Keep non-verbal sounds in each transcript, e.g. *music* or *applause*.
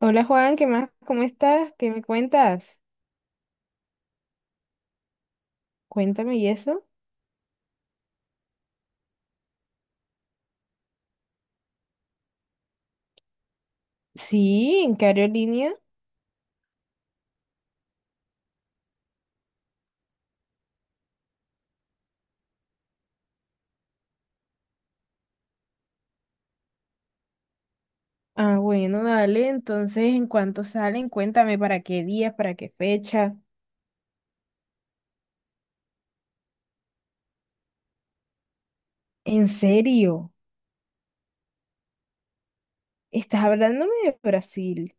Hola Juan, ¿qué más? ¿Cómo estás? ¿Qué me cuentas? Cuéntame y eso. Sí, ¿en qué aerolínea? Ah, bueno, dale. Entonces, ¿en cuánto salen? Cuéntame para qué días, para qué fecha. ¿En serio? ¿Estás hablándome de Brasil?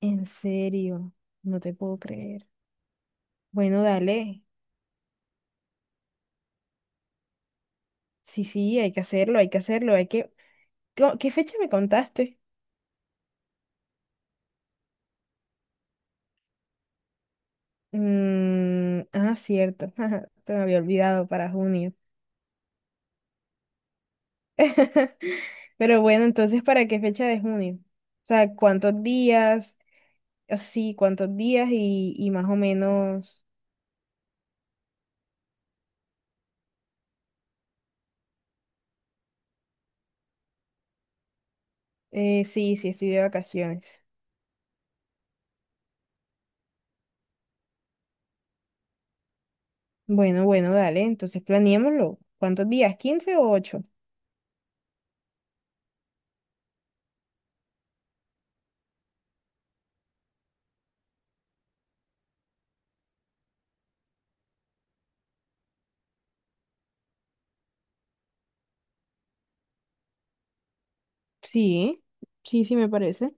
¿En serio? No te puedo creer. Bueno, dale. Sí, sí, hay que hacerlo, hay que hacerlo, hay que. ¿Qué fecha me contaste? Ah, cierto. *laughs* Te me había olvidado para junio. *laughs* Pero bueno, entonces, ¿para qué fecha de junio? O sea, ¿cuántos días? O sí, ¿cuántos días? Y más o menos, sí, sí, estoy de vacaciones. Bueno, bueno, dale, entonces planeémoslo. ¿Cuántos días? Quince o 8. Sí, sí, sí, me parece.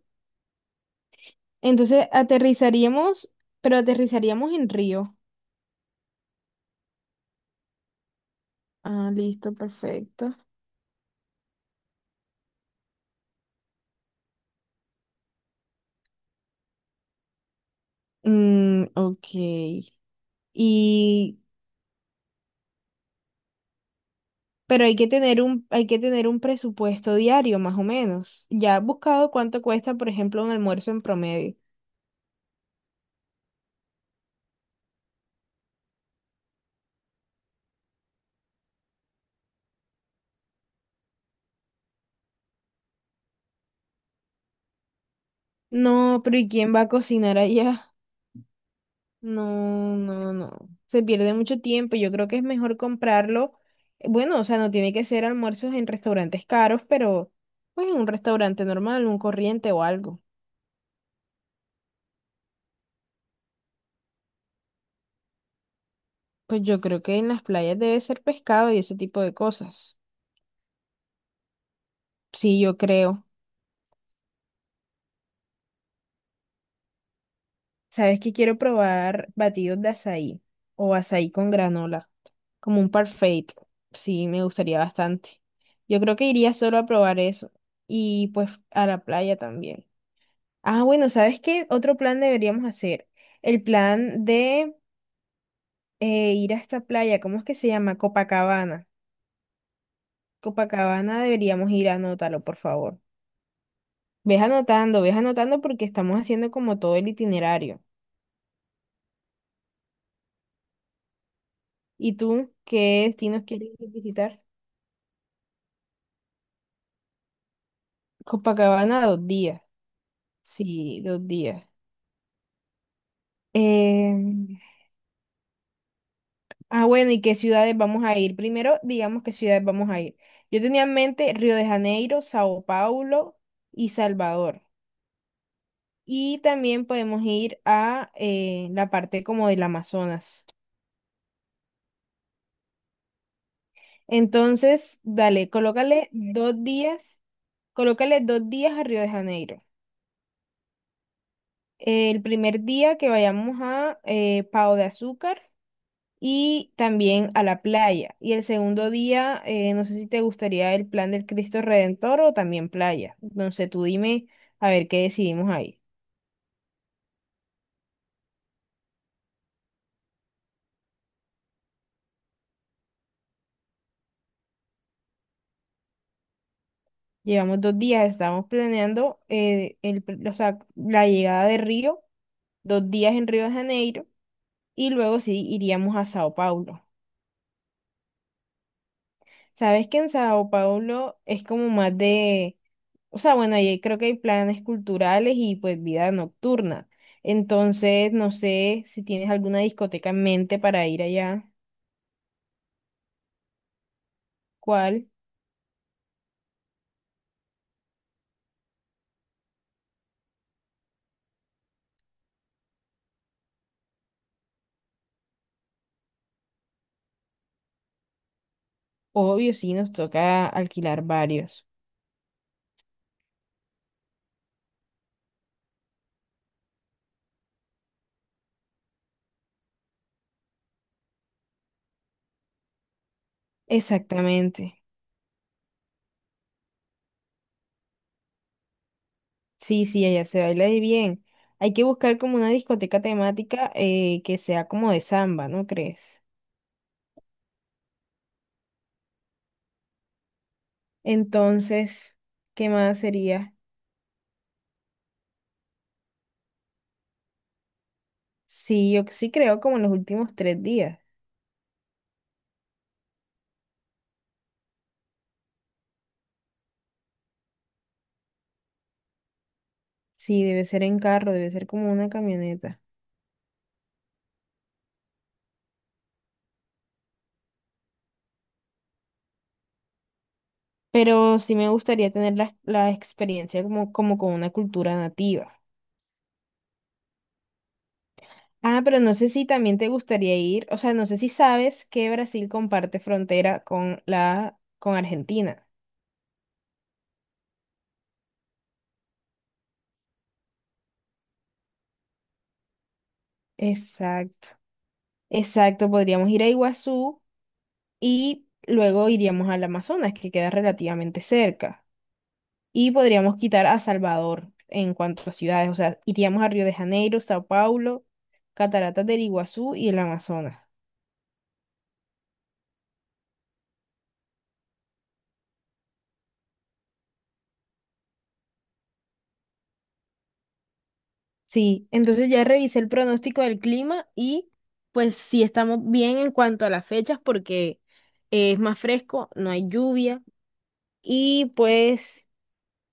Entonces, aterrizaríamos, pero aterrizaríamos en Río. Ah, listo, perfecto. Mm, ok. ¿Y Pero hay que tener un, hay que tener un presupuesto diario, más o menos. Ya has buscado cuánto cuesta, por ejemplo, un almuerzo en promedio. No, pero ¿y quién va a cocinar allá? No, no, no. Se pierde mucho tiempo. Yo creo que es mejor comprarlo. Bueno, o sea, no tiene que ser almuerzos en restaurantes caros, pero pues en un restaurante normal, un corriente o algo. Pues yo creo que en las playas debe ser pescado y ese tipo de cosas. Sí, yo creo. Sabes que quiero probar batidos de azaí o azaí con granola, como un parfait. Sí, me gustaría bastante. Yo creo que iría solo a probar eso y pues a la playa también. Ah, bueno, ¿sabes qué otro plan deberíamos hacer? El plan de ir a esta playa, ¿cómo es que se llama? Copacabana. Copacabana deberíamos ir, anótalo, por favor. Ves anotando porque estamos haciendo como todo el itinerario. ¿Y tú qué destinos quieres visitar? Copacabana, 2 días. Sí, 2 días. Em, ah, bueno, ¿y qué ciudades vamos a ir? Primero, digamos qué ciudades vamos a ir. Yo tenía en mente Río de Janeiro, Sao Paulo y Salvador. Y también podemos ir a la parte como del Amazonas. Entonces, dale, colócale 2 días, colócale 2 días a Río de Janeiro. El primer día que vayamos a Pau de Azúcar. Y también a la playa. Y el segundo día, no sé si te gustaría el plan del Cristo Redentor o también playa. Entonces tú dime a ver qué decidimos ahí. Llevamos 2 días, estamos planeando o sea, la llegada de Río, dos días en Río de Janeiro y luego sí iríamos a Sao Paulo. Sabes que en Sao Paulo es como más de... O sea, bueno, ahí creo que hay planes culturales y pues vida nocturna. Entonces, no sé si tienes alguna discoteca en mente para ir allá. ¿Cuál? Obvio, sí, nos toca alquilar varios. Exactamente. Sí, sí, allá se baila de bien. Hay que buscar como una discoteca temática que sea como de samba, ¿no crees? Entonces, ¿qué más sería? Sí, yo sí creo como en los últimos 3 días. Sí, debe ser en carro, debe ser como una camioneta. Pero sí me gustaría tener la experiencia como con una cultura nativa. Ah, pero no sé si también te gustaría ir, o sea, no sé si sabes que Brasil comparte frontera con con Argentina. Exacto, exacto, podríamos ir a Iguazú y luego iríamos al Amazonas, que queda relativamente cerca. Y podríamos quitar a Salvador en cuanto a ciudades, o sea, iríamos a Río de Janeiro, Sao Paulo, Cataratas del Iguazú y el Amazonas. Sí, entonces ya revisé el pronóstico del clima y pues sí estamos bien en cuanto a las fechas porque es más fresco, no hay lluvia. Y pues,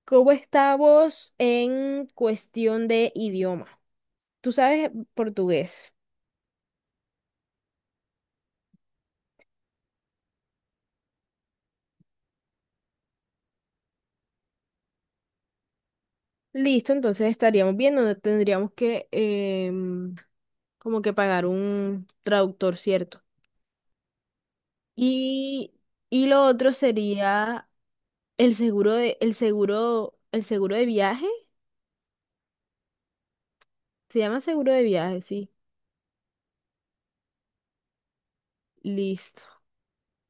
¿cómo estamos en cuestión de idioma? Tú sabes portugués. Listo, entonces estaríamos bien, no tendríamos que em, como que pagar un traductor, ¿cierto? Y, y lo otro sería el seguro de viaje Se llama seguro de viaje, sí. Listo.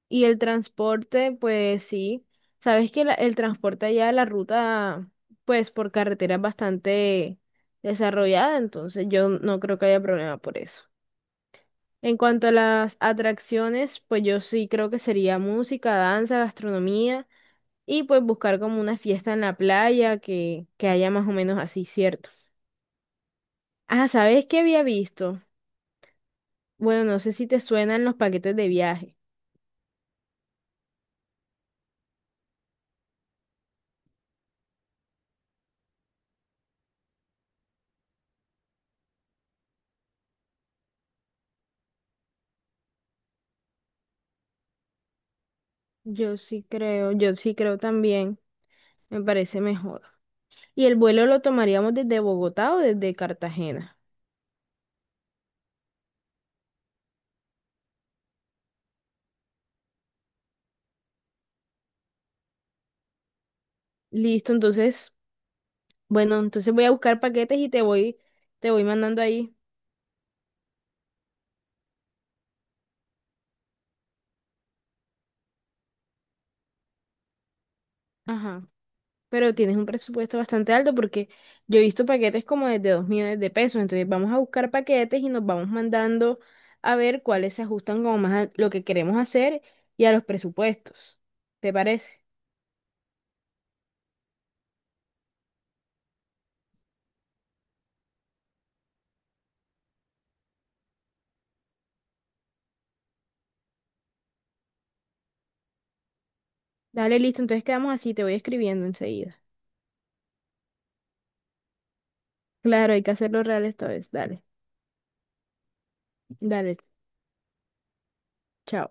Y el transporte, pues sí. Sabes que el transporte allá, la ruta, pues por carretera es bastante desarrollada, entonces yo no creo que haya problema por eso. En cuanto a las atracciones, pues yo sí creo que sería música, danza, gastronomía y pues buscar como una fiesta en la playa que haya más o menos así, ¿cierto? Ah, ¿sabes qué había visto? Bueno, no sé si te suenan los paquetes de viaje. Yo sí creo también, me parece mejor. ¿Y el vuelo lo tomaríamos desde Bogotá o desde Cartagena? Listo, entonces, bueno, entonces voy a buscar paquetes y te voy mandando ahí. Ajá. Pero tienes un presupuesto bastante alto porque yo he visto paquetes como desde 2 millones de pesos. Entonces vamos a buscar paquetes y nos vamos mandando a ver cuáles se ajustan como más a lo que queremos hacer y a los presupuestos. ¿Te parece? Dale, listo, entonces quedamos así, te voy escribiendo enseguida. Claro, hay que hacerlo real esta vez. Dale, dale, chao.